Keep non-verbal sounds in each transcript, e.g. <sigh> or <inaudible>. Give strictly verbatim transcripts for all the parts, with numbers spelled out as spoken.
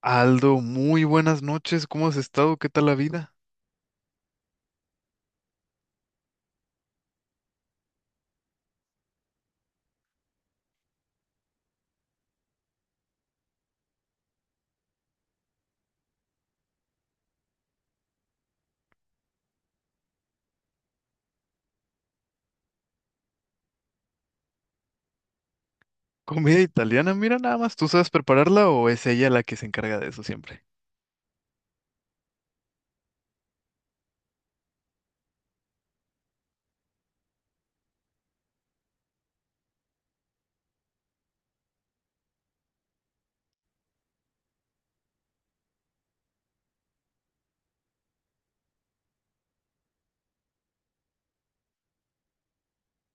Aldo, muy buenas noches. ¿Cómo has estado? ¿Qué tal la vida? Comida italiana, mira nada más. ¿Tú sabes prepararla o es ella la que se encarga de eso siempre?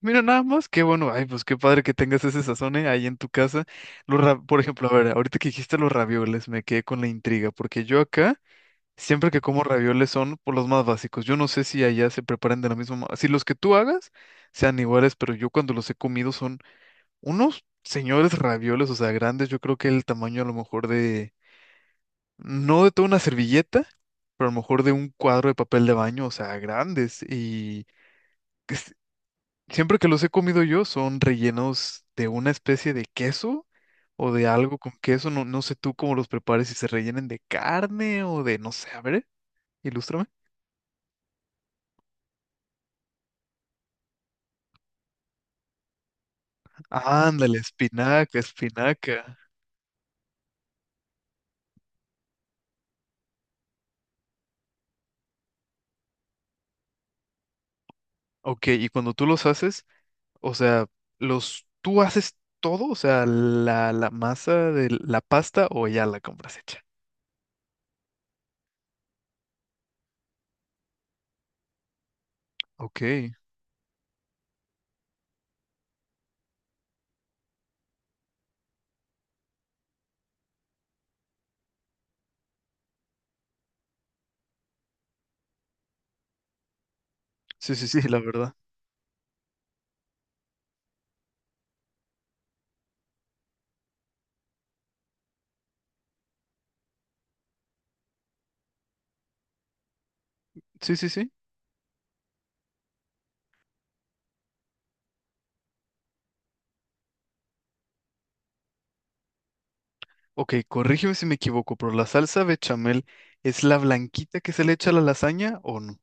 Mira nada más, qué bueno. Ay, pues qué padre que tengas ese sazón eh, ahí en tu casa. Los ra- Por ejemplo, a ver, ahorita que dijiste los ravioles, me quedé con la intriga, porque yo acá, siempre que como ravioles son por los más básicos. Yo no sé si allá se preparan de la misma manera. Si los que tú hagas sean iguales, pero yo cuando los he comido son unos señores ravioles, o sea, grandes. Yo creo que el tamaño a lo mejor de no de toda una servilleta, pero a lo mejor de un cuadro de papel de baño, o sea, grandes. Y que s- siempre que los he comido yo son rellenos de una especie de queso o de algo con queso. No, no sé tú cómo los prepares, si se rellenen de carne o de, no sé, a ver, ilústrame. Ándale, espinaca, espinaca. Ok, y cuando tú los haces, o sea, los, tú haces todo, o sea, la, la masa de la pasta o ya la compras hecha. Ok. Sí, sí, sí, la verdad. Sí, sí, sí. Ok, corrígeme si me equivoco, pero ¿la salsa bechamel es la blanquita que se le echa a la lasaña o no?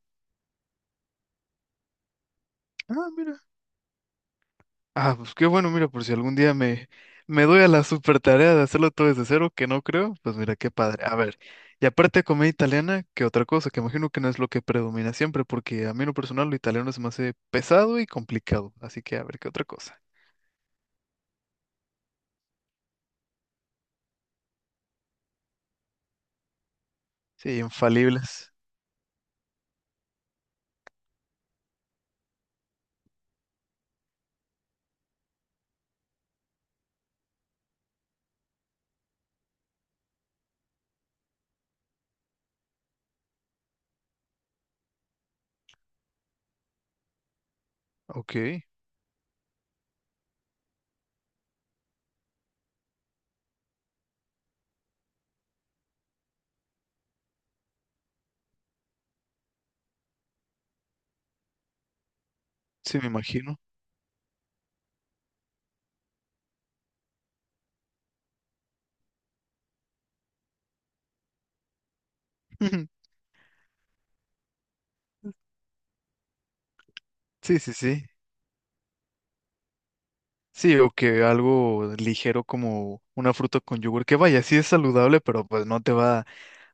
Ah, mira. Ah, pues qué bueno, mira, por si algún día me, me doy a la super tarea de hacerlo todo desde cero, que no creo, pues mira, qué padre. A ver, y aparte de comida italiana, ¿qué otra cosa? Que imagino que no es lo que predomina siempre, porque a mí en lo personal lo italiano se me hace pesado y complicado. Así que a ver, ¿qué otra cosa? Sí, infalibles. Ok, sí, me imagino. <laughs> Sí, sí, sí. Sí, o que algo ligero como una fruta con yogur, que vaya, sí es saludable, pero pues no te va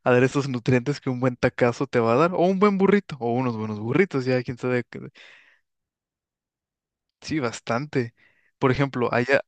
a dar esos nutrientes que un buen tacazo te va a dar, o un buen burrito, o unos buenos burritos, ya quién sabe. qué- Sí, bastante. Por ejemplo, allá,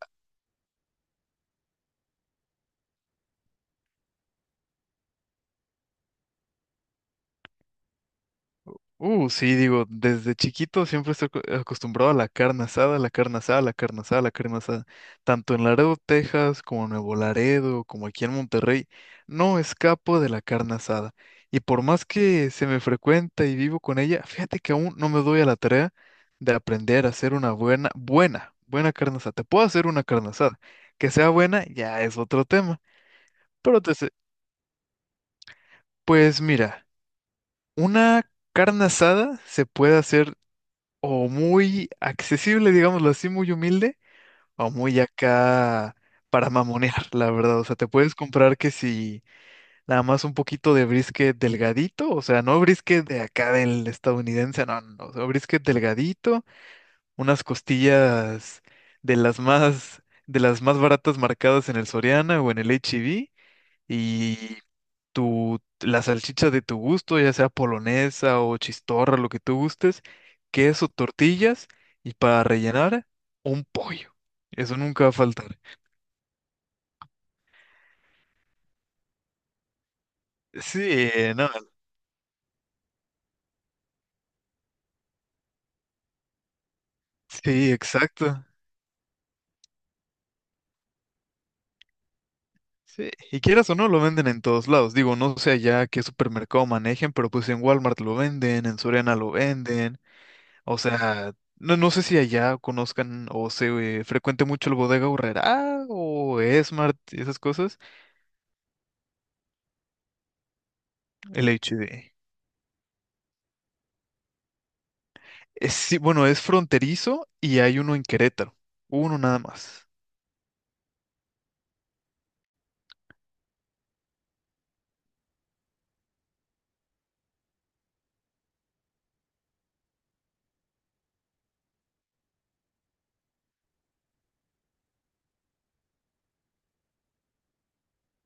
Uh, sí, digo, desde chiquito siempre estoy acu- acostumbrado a la carne asada, la carne asada, la carne asada, la carne asada. Tanto en Laredo, Texas, como en Nuevo Laredo, como aquí en Monterrey, no escapo de la carne asada. Y por más que se me frecuenta y vivo con ella, fíjate que aún no me doy a la tarea de aprender a hacer una buena, buena, buena carne asada. Te puedo hacer una carne asada. Que sea buena ya es otro tema. Pero te, sé- pues mira, una carne asada se puede hacer o muy accesible, digámoslo así, muy humilde, o muy acá para mamonear, la verdad. O sea, te puedes comprar que si nada más un poquito de brisket delgadito, o sea, no brisket de acá del estadounidense, no, no, no, o sea, brisket delgadito, unas costillas de las más, de las más baratas marcadas en el Soriana o en el H-E-B, tu, la salchicha de tu gusto, ya sea polonesa o chistorra, lo que tú gustes, queso, tortillas y para rellenar un pollo. Eso nunca va a faltar. Sí, no, sí, exacto. Sí, y quieras o no, lo venden en todos lados. Digo, no sé allá qué supermercado manejen, pero pues en Walmart lo venden, en Soriana lo venden. O sea, no, no sé si allá conozcan o se eh, frecuente mucho el Bodega Aurrerá o Smart y esas cosas. El H D. Eh, Sí, bueno, es fronterizo y hay uno en Querétaro, uno nada más.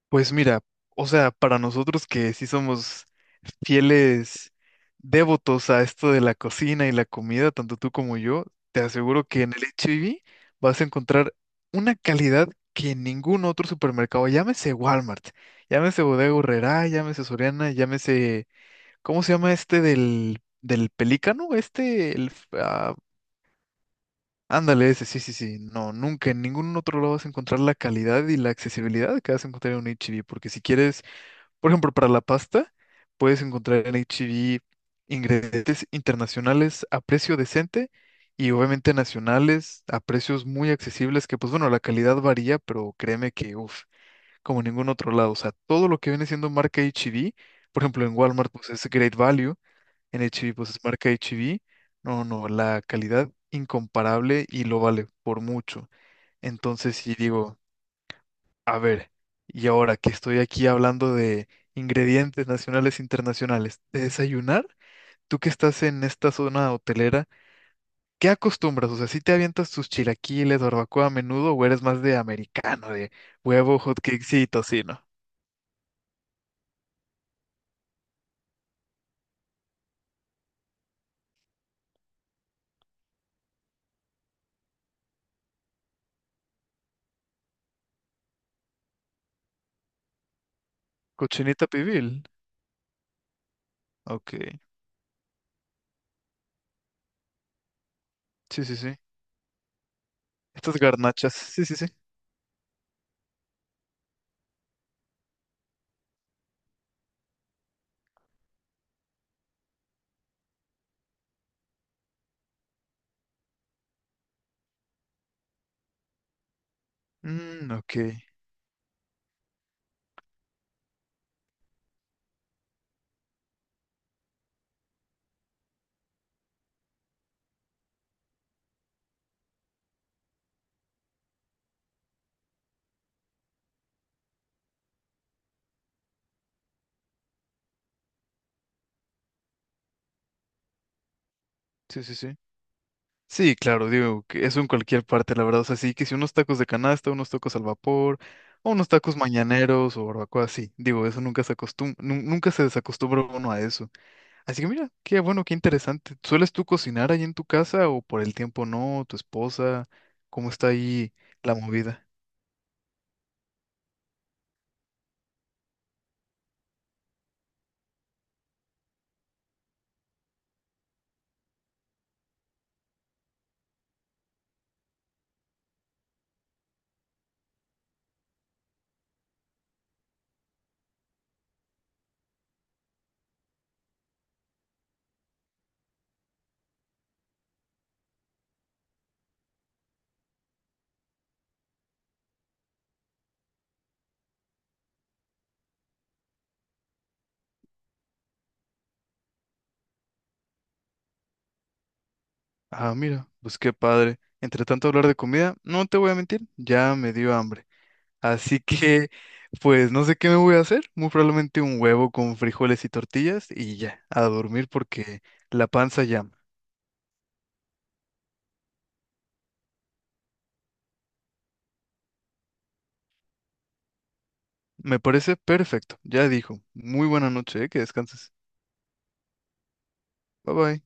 Pues mira, o sea, para nosotros que sí somos fieles devotos a esto de la cocina y la comida, tanto tú como yo, te aseguro que en el H-E-B vas a encontrar una calidad que en ningún otro supermercado, llámese Walmart, llámese Bodega Aurrerá, llámese Soriana, llámese, ¿cómo se llama este del, del Pelícano? Este, el, ah, Ándale, ese, sí, sí, sí. No, nunca en ningún otro lado vas a encontrar la calidad y la accesibilidad que vas a encontrar en un H E B, porque si quieres, por ejemplo, para la pasta, puedes encontrar en H E B ingredientes internacionales a precio decente y obviamente nacionales a precios muy accesibles, que pues bueno, la calidad varía, pero créeme que, uff, como en ningún otro lado. O sea, todo lo que viene siendo marca H E B, por ejemplo, en Walmart, pues es Great Value, en H B, pues es marca H B. No, no, la calidad incomparable y lo vale por mucho. Entonces sí digo, a ver, y ahora que estoy aquí hablando de ingredientes nacionales e internacionales, de desayunar, tú que estás en esta zona hotelera, ¿qué acostumbras? O sea, ¿si te avientas tus chilaquiles, barbacoa a menudo o eres más de americano, de huevo, hot cakes y tocino? Cochinita pibil. Ok, sí, sí, sí. Estas garnachas, sí, sí, sí. Mm, ok, sí, sí, sí. Sí, claro, digo, que eso en cualquier parte, la verdad. O sea, sí que si unos tacos de canasta, unos tacos al vapor, o unos tacos mañaneros o barbacoa, sí. Digo, eso nunca se acostumbra, nunca se desacostumbra uno a eso. Así que mira, qué bueno, qué interesante. ¿Sueles tú cocinar ahí en tu casa o por el tiempo no? ¿Tu esposa? ¿Cómo está ahí la movida? Ah, mira, pues qué padre. Entre tanto hablar de comida, no te voy a mentir, ya me dio hambre. Así que, pues no sé qué me voy a hacer. Muy probablemente un huevo con frijoles y tortillas y ya, a dormir porque la panza llama. Me parece perfecto. Ya dijo. Muy buena noche, ¿eh? Que descanses. Bye bye.